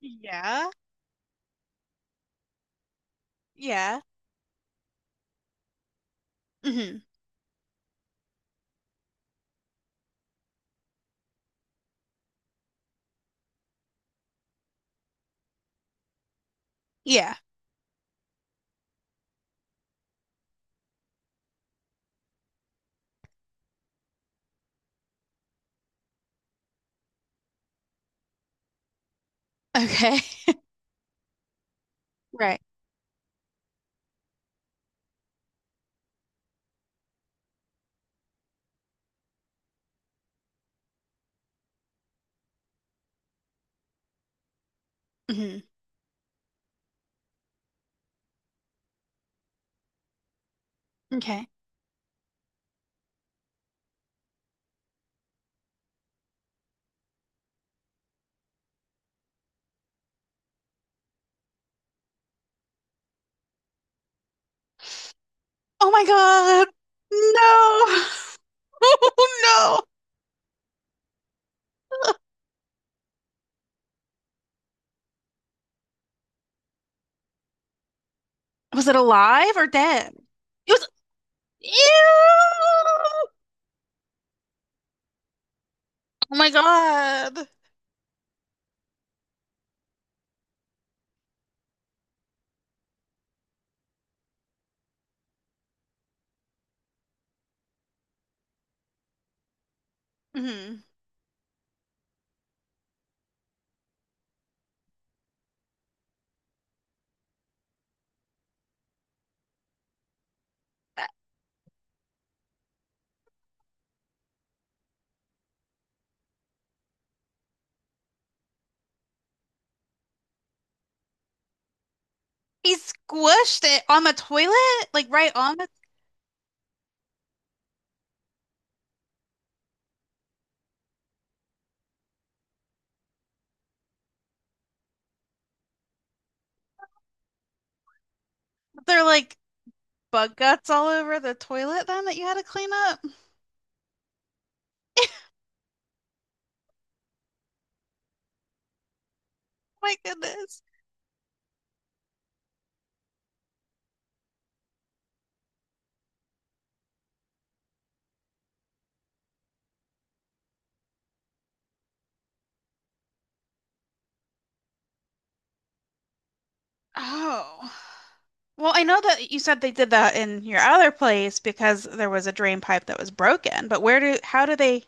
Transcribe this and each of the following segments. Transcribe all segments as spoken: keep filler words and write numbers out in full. Yeah. Yeah. Hmm. Yeah. Okay. Right. Hmm. Okay. Oh my God. No. Oh no. Was it alive or dead? It was. Ew. Oh my God. Hmm. He squished it on the toilet, like right on the. They're like bug guts all over the toilet then that you had to clean up. My goodness. Oh. Well, I know that you said they did that in your other place because there was a drain pipe that was broken, but where do, how do they,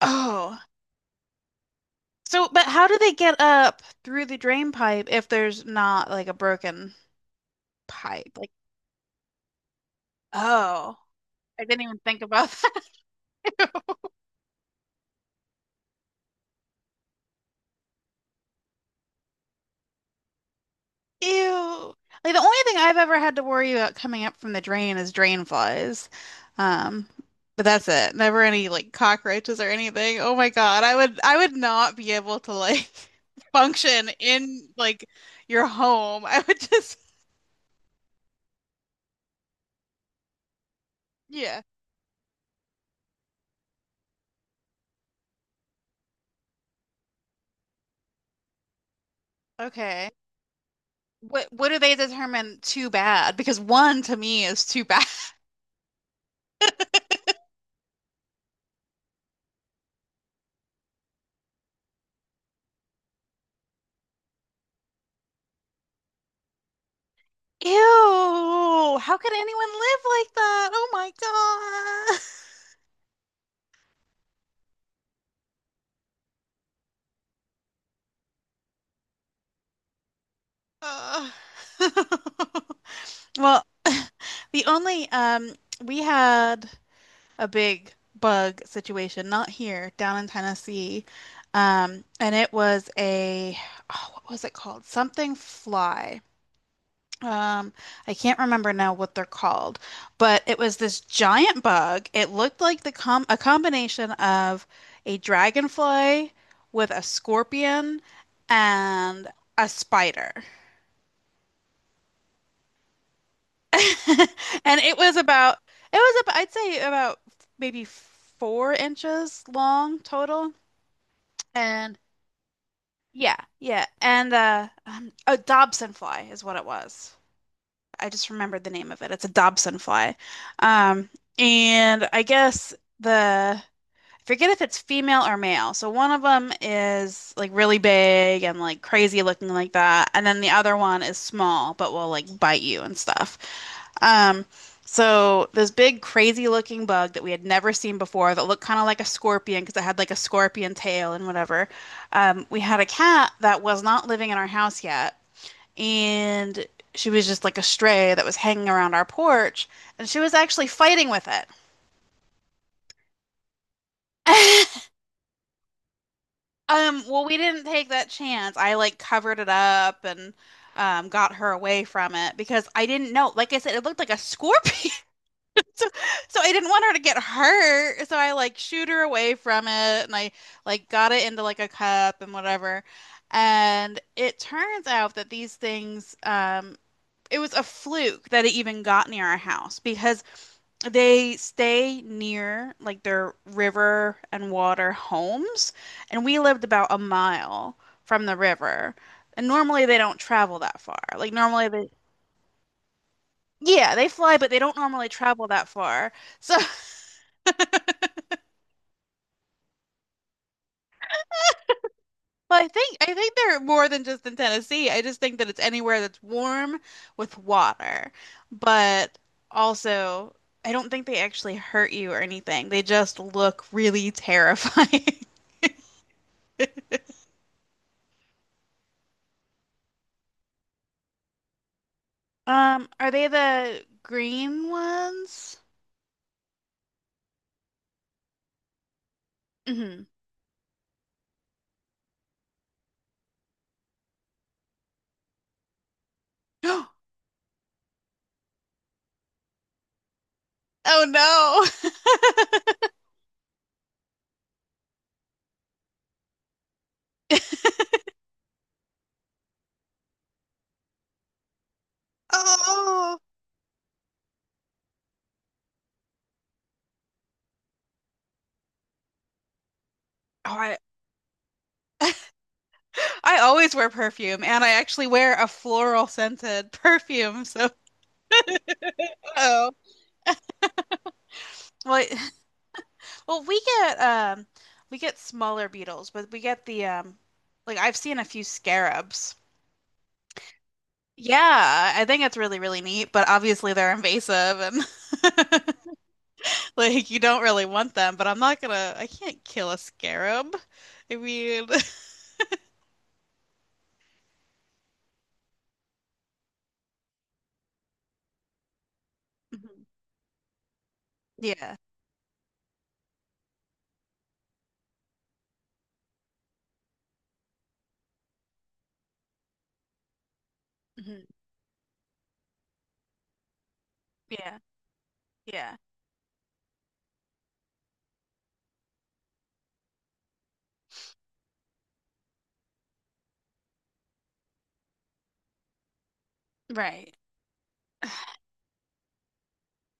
oh, so, but how do they get up through the drain pipe if there's not like a broken pipe? Like, oh, I didn't even think about that. Ew. Like the only thing I've ever had to worry about coming up from the drain is drain flies. Um, but that's it. Never any like cockroaches or anything. Oh my God. I would I would not be able to like function in like your home. I would just, yeah. Okay. What what do they determine too bad? Because one to me is too bad. Ew. How could anyone live like that? Oh my God. Ugh. Well, The only um we had a big bug situation, not here, down in Tennessee. Um, and it was a, oh, what was it called? Something fly. Um, I can't remember now what they're called, but it was this giant bug. It looked like the com a combination of a dragonfly with a scorpion and a spider. And it was about it was about I'd say about maybe four inches long total. And yeah, yeah. And uh um, a Dobson fly is what it was. I just remembered the name of it. It's a Dobson fly. Um and I guess the I forget if it's female or male. So one of them is like really big and like crazy looking like that, and then the other one is small but will like bite you and stuff. Um, so this big crazy looking bug that we had never seen before that looked kind of like a scorpion because it had like a scorpion tail and whatever. Um, we had a cat that was not living in our house yet, and she was just like a stray that was hanging around our porch, and she was actually fighting with it. Um, well, we didn't take that chance. I like covered it up and um, got her away from it because I didn't know. Like I said, it looked like a scorpion, so I didn't want her to get hurt. So I like shooed her away from it, and I like got it into like a cup and whatever. And it turns out that these things, um, it was a fluke that it even got near our house because they stay near like their river and water homes, and we lived about a mile from the river. And normally they don't travel that far. Like normally they yeah, they fly, but they don't normally travel that far. So Well, I think I think they're more than just in Tennessee. I just think that it's anywhere that's warm with water. But also, I don't think they actually hurt you or anything. They just look really terrifying. Um, are they the green ones? Hmm. Oh no. Oh. Oh, I I always wear perfume and I actually wear a floral scented perfume, so, oh. Well, I- well, we get um we get smaller beetles, but we get the um like I've seen a few scarabs. Yeah, I think it's really, really neat, but obviously they're invasive and Like you don't really want them, but I'm not gonna, I can't kill a scarab. I mean, Mhm. Yeah. Mhm. Yeah. Yeah. Right.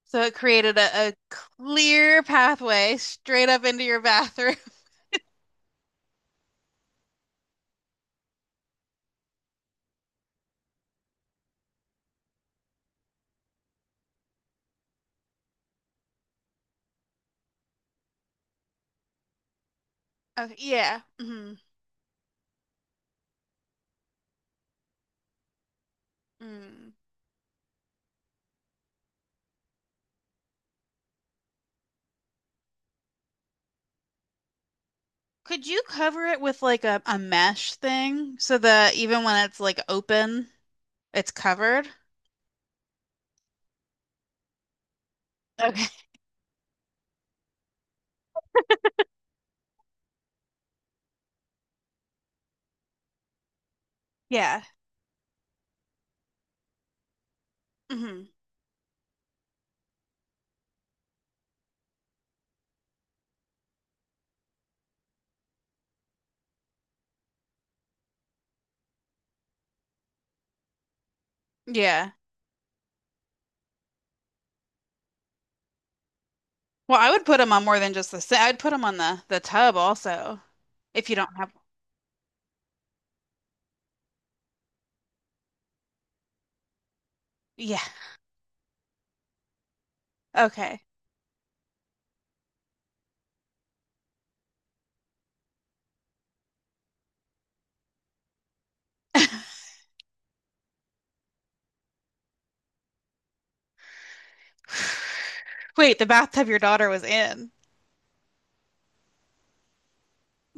So it created a, a clear pathway straight up into your bathroom. Okay, yeah. Hmm. Mm. Could you cover it with like a, a mesh thing so that even when it's like open, it's covered? Okay. Yeah. Hmm. Yeah. Well, I would put them on more than just the sink. I'd put them on the the tub also. If you don't have. Yeah. Okay. Wait, the bathtub your daughter was in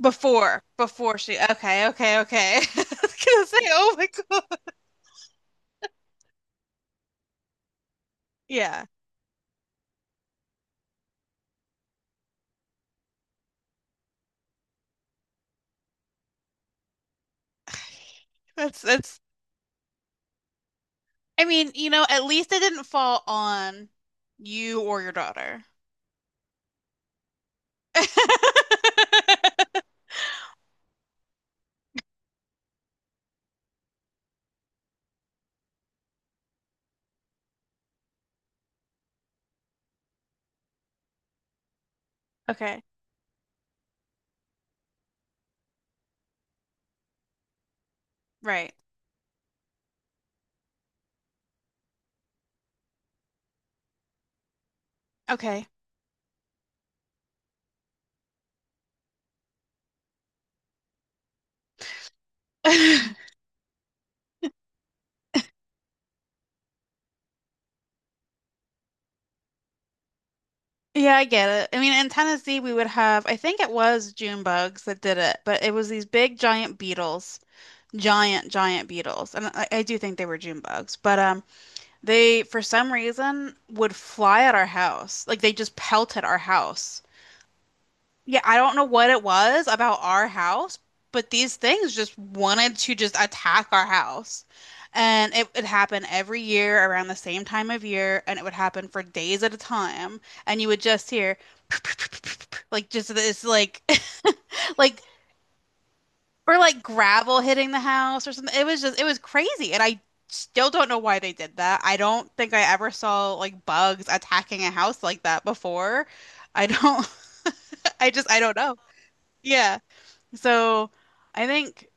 before before she. Okay. Okay. Okay. I was gonna say, oh my God. Yeah. That's that's. I mean, you know, at least it didn't fall on you or your daughter. Okay. Right. Okay. Yeah, I get it. I mean, in Tennessee, we would have, I think it was June bugs that did it, but it was these big giant beetles, giant, giant beetles. And I, I do think they were June bugs, but um, they, for some reason, would fly at our house. Like they just pelted our house. Yeah, I don't know what it was about our house, but these things just wanted to just attack our house. And it would happen every year around the same time of year, and it would happen for days at a time. And you would just hear like just this like like or like gravel hitting the house or something. It was just, it was crazy, and I still don't know why they did that. I don't think I ever saw like bugs attacking a house like that before. I don't. I just, I don't know. Yeah. So I think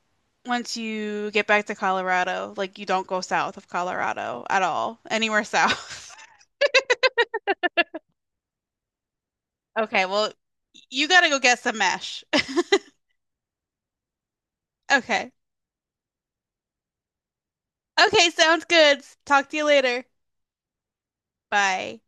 once you get back to Colorado, like you don't go south of Colorado at all, anywhere south. Okay, well, you gotta go get some mesh. Okay. Okay, sounds good. Talk to you later. Bye.